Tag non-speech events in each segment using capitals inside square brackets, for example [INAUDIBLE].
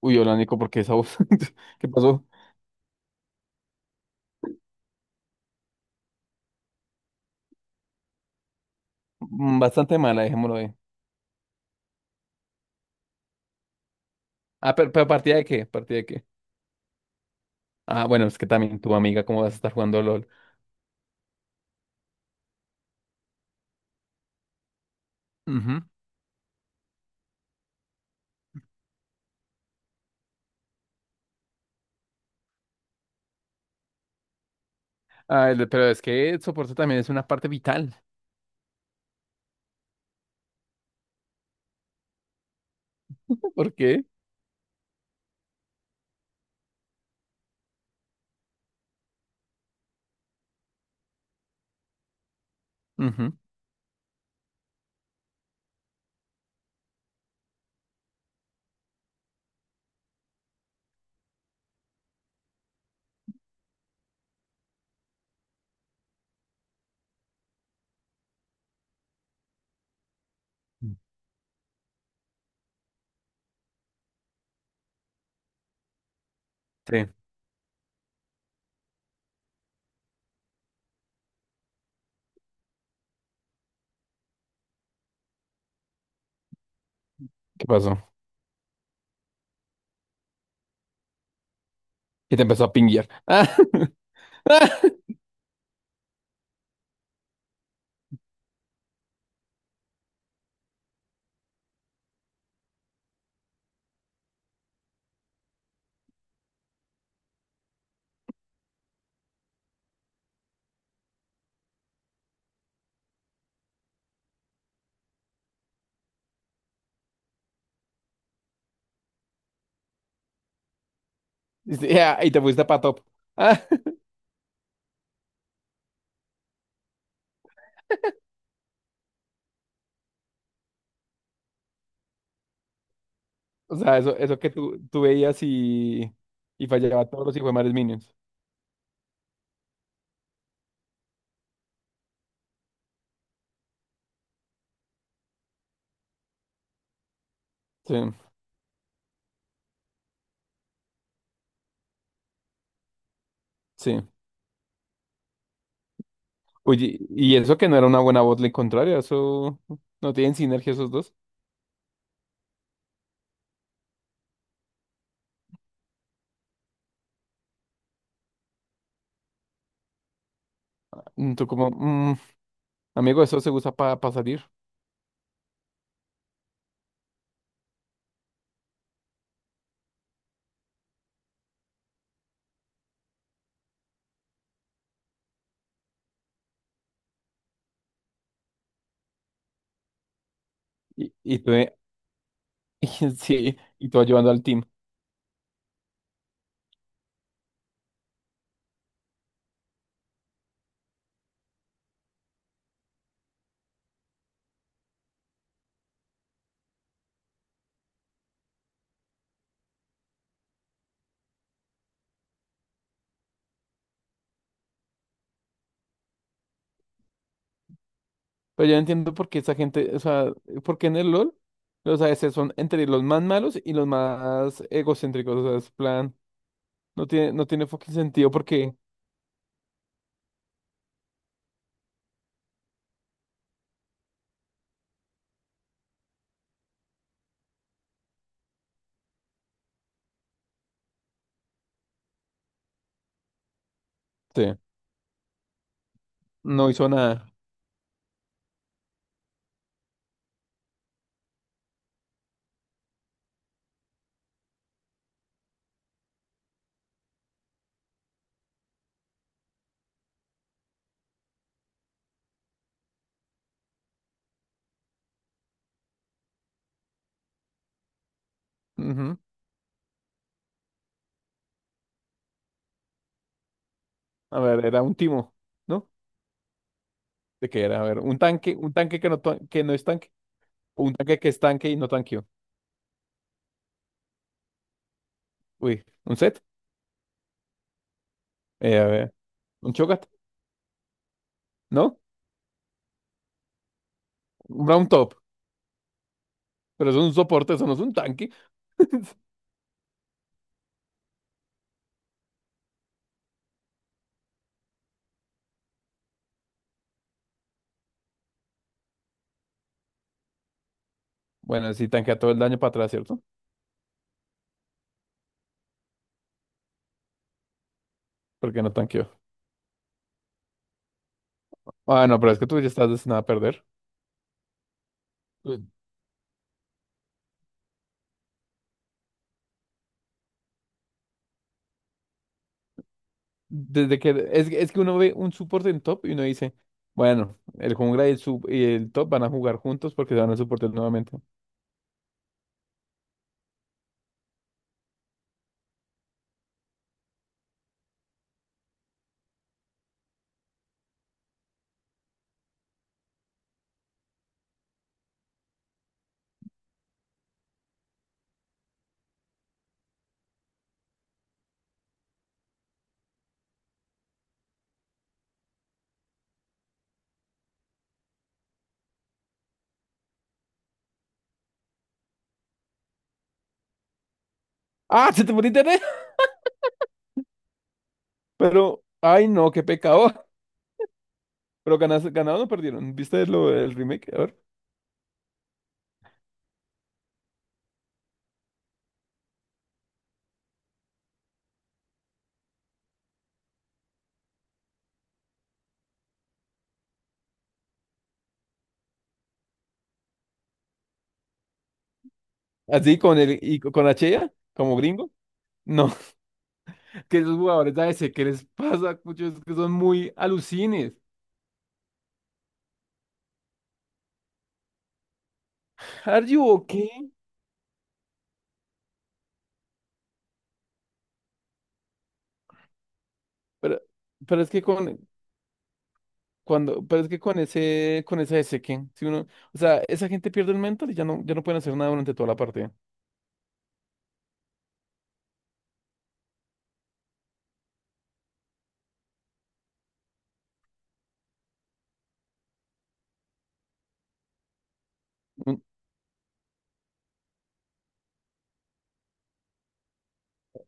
Uy, hola Nico, ¿por qué esa voz? [LAUGHS] ¿Qué pasó? Bastante mala, dejémoslo ahí. Ah, pero ¿partida de qué? ¿Partida de qué? Ah, bueno, es que también tu amiga, ¿cómo vas a estar jugando LOL? Ujú. Ah, pero es que el soporte también es una parte vital. [LAUGHS] ¿Por qué? Ujú. Sí. ¿Qué pasó? Y te empezó a pinguear. Ah, [LAUGHS] ah, y sí, ah, y te fuiste para top. [LAUGHS] Ah, o sea, eso que tú veías y fallaba todos los hijos de minions. Sí, sí. Oye, y eso que no era una buena botlane contraria, eso no tienen sinergia esos dos. Tú como, "Mm, amigo, eso se usa para salir." Y tú, [LAUGHS] sí, y tú ayudando al team. Pero yo no entiendo por qué esa gente, o sea, por qué en el LOL los ADC son entre los más malos y los más egocéntricos. O sea, es plan, no tiene fucking sentido porque sí, no hizo nada. Ujú. A ver, era un timo, ¿no? ¿De qué era? A ver, un tanque que no, que no es tanque, o un tanque que es tanque y no tanque. Uy, un set, a ver, un Cho'Gath, ¿no? Un round top, pero eso es un soporte, eso no es un tanque. Bueno, sí tanquea todo el daño para atrás, ¿cierto? ¿Porque no tanqueó? Ah, no, pero es que tú ya estás destinado a perder. Tú- Desde que es que uno ve un soporte en top y uno dice, bueno, el jungla y el sub y el top van a jugar juntos porque se van a soportar nuevamente. ¡Ah! ¡Se te fue el internet! [LAUGHS] Pero, ay no, qué pecado. [LAUGHS] Pero ganaste, ¿ganaron o perdieron? ¿Viste lo, el remake? A ver. Así con el y con la Chea, como gringo. No, que esos jugadores a veces, ¿qué les pasa? Muchos que son muy alucines. ¿Are you okay? Pero, pero es que con cuando, pero es que con ese, con esa ese que, si uno, o sea, esa gente pierde el mental y ya no, ya no pueden hacer nada durante toda la partida. Mm,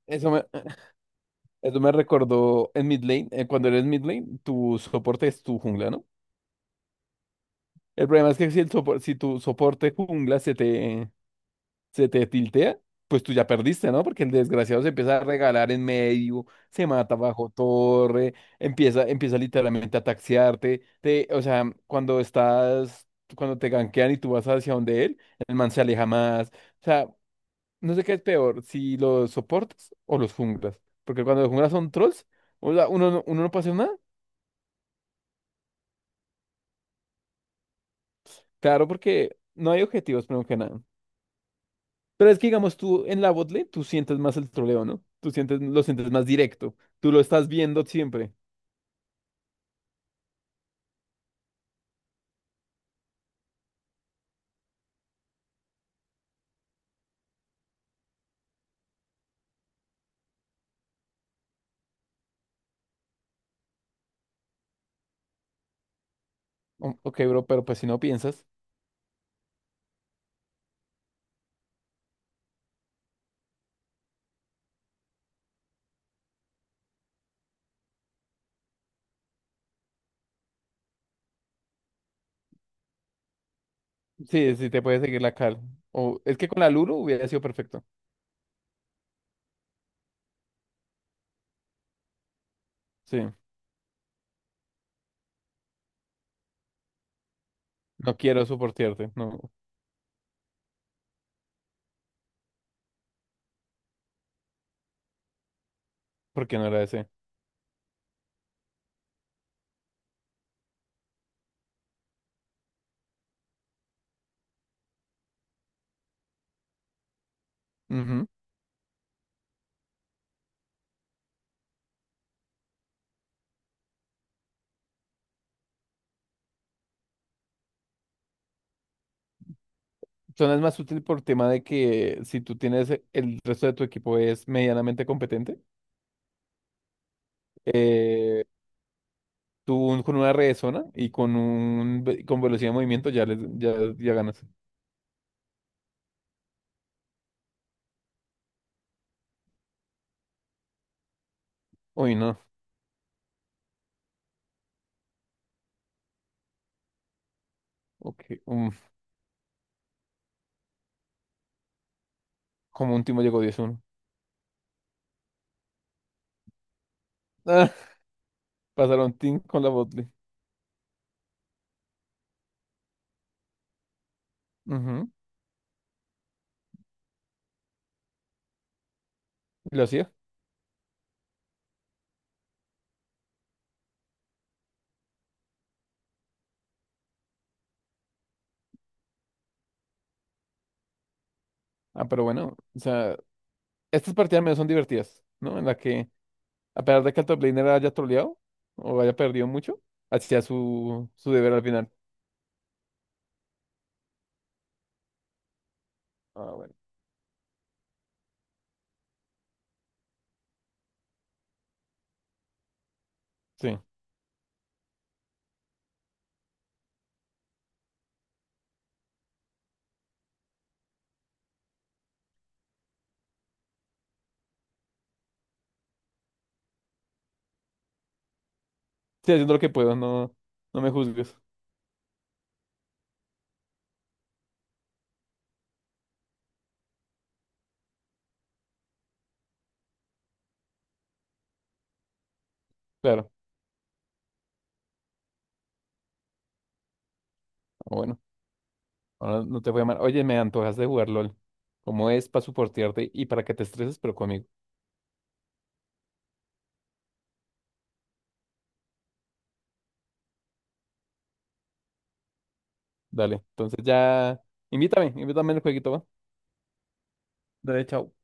Eso me, eso me recordó en mid lane, cuando eres mid lane, tu soporte es tu jungla, ¿no? El problema es que si el si tu soporte jungla se te tiltea, pues tú ya perdiste, ¿no? Porque el desgraciado se empieza a regalar en medio, se mata bajo torre, empieza, empieza literalmente a taxiarte, te, o sea, cuando estás, cuando te gankean y tú vas hacia donde él, el man se aleja más, o sea, no sé qué es peor, si los soportas o los junglas, porque cuando los junglas son trolls, o sea, uno, uno no pasa nada, claro, porque no hay objetivos, primero que nada. Pero es que, digamos, tú en la botlane, tú sientes más el troleo, ¿no? Tú sientes, lo sientes más directo. Tú lo estás viendo siempre. Ok, bro, pero pues si no piensas, sí, sí te puede seguir la cal. O es que con la Lulu hubiera sido perfecto. Sí, no quiero soportearte, no, porque no era ese. Ujú. Son es más útil por tema de que si tú tienes el resto de tu equipo es medianamente competente, eh, tú con una red de zona y con un con velocidad de movimiento ya les, ya, ya ganas. Uy, no. Ok. mm. Como un Timo llegó 10-1. Pasaron team con la botlane. Ujú, y lo hacía. Ah, pero bueno, o sea, estas partidas menos son divertidas, ¿no? En la que, a pesar de que el top laner haya troleado o haya perdido mucho, hacía su deber al final. Ah, bueno. Sí, sí, haciendo lo que puedo, no, no me juzgues. Claro. Ah, bueno, ahora no te voy a llamar. Oye, me antojas de jugar LOL. Como es para soportarte y para que te estreses, pero conmigo. Dale, entonces ya, invítame, invítame al jueguito, va. Dale, chao.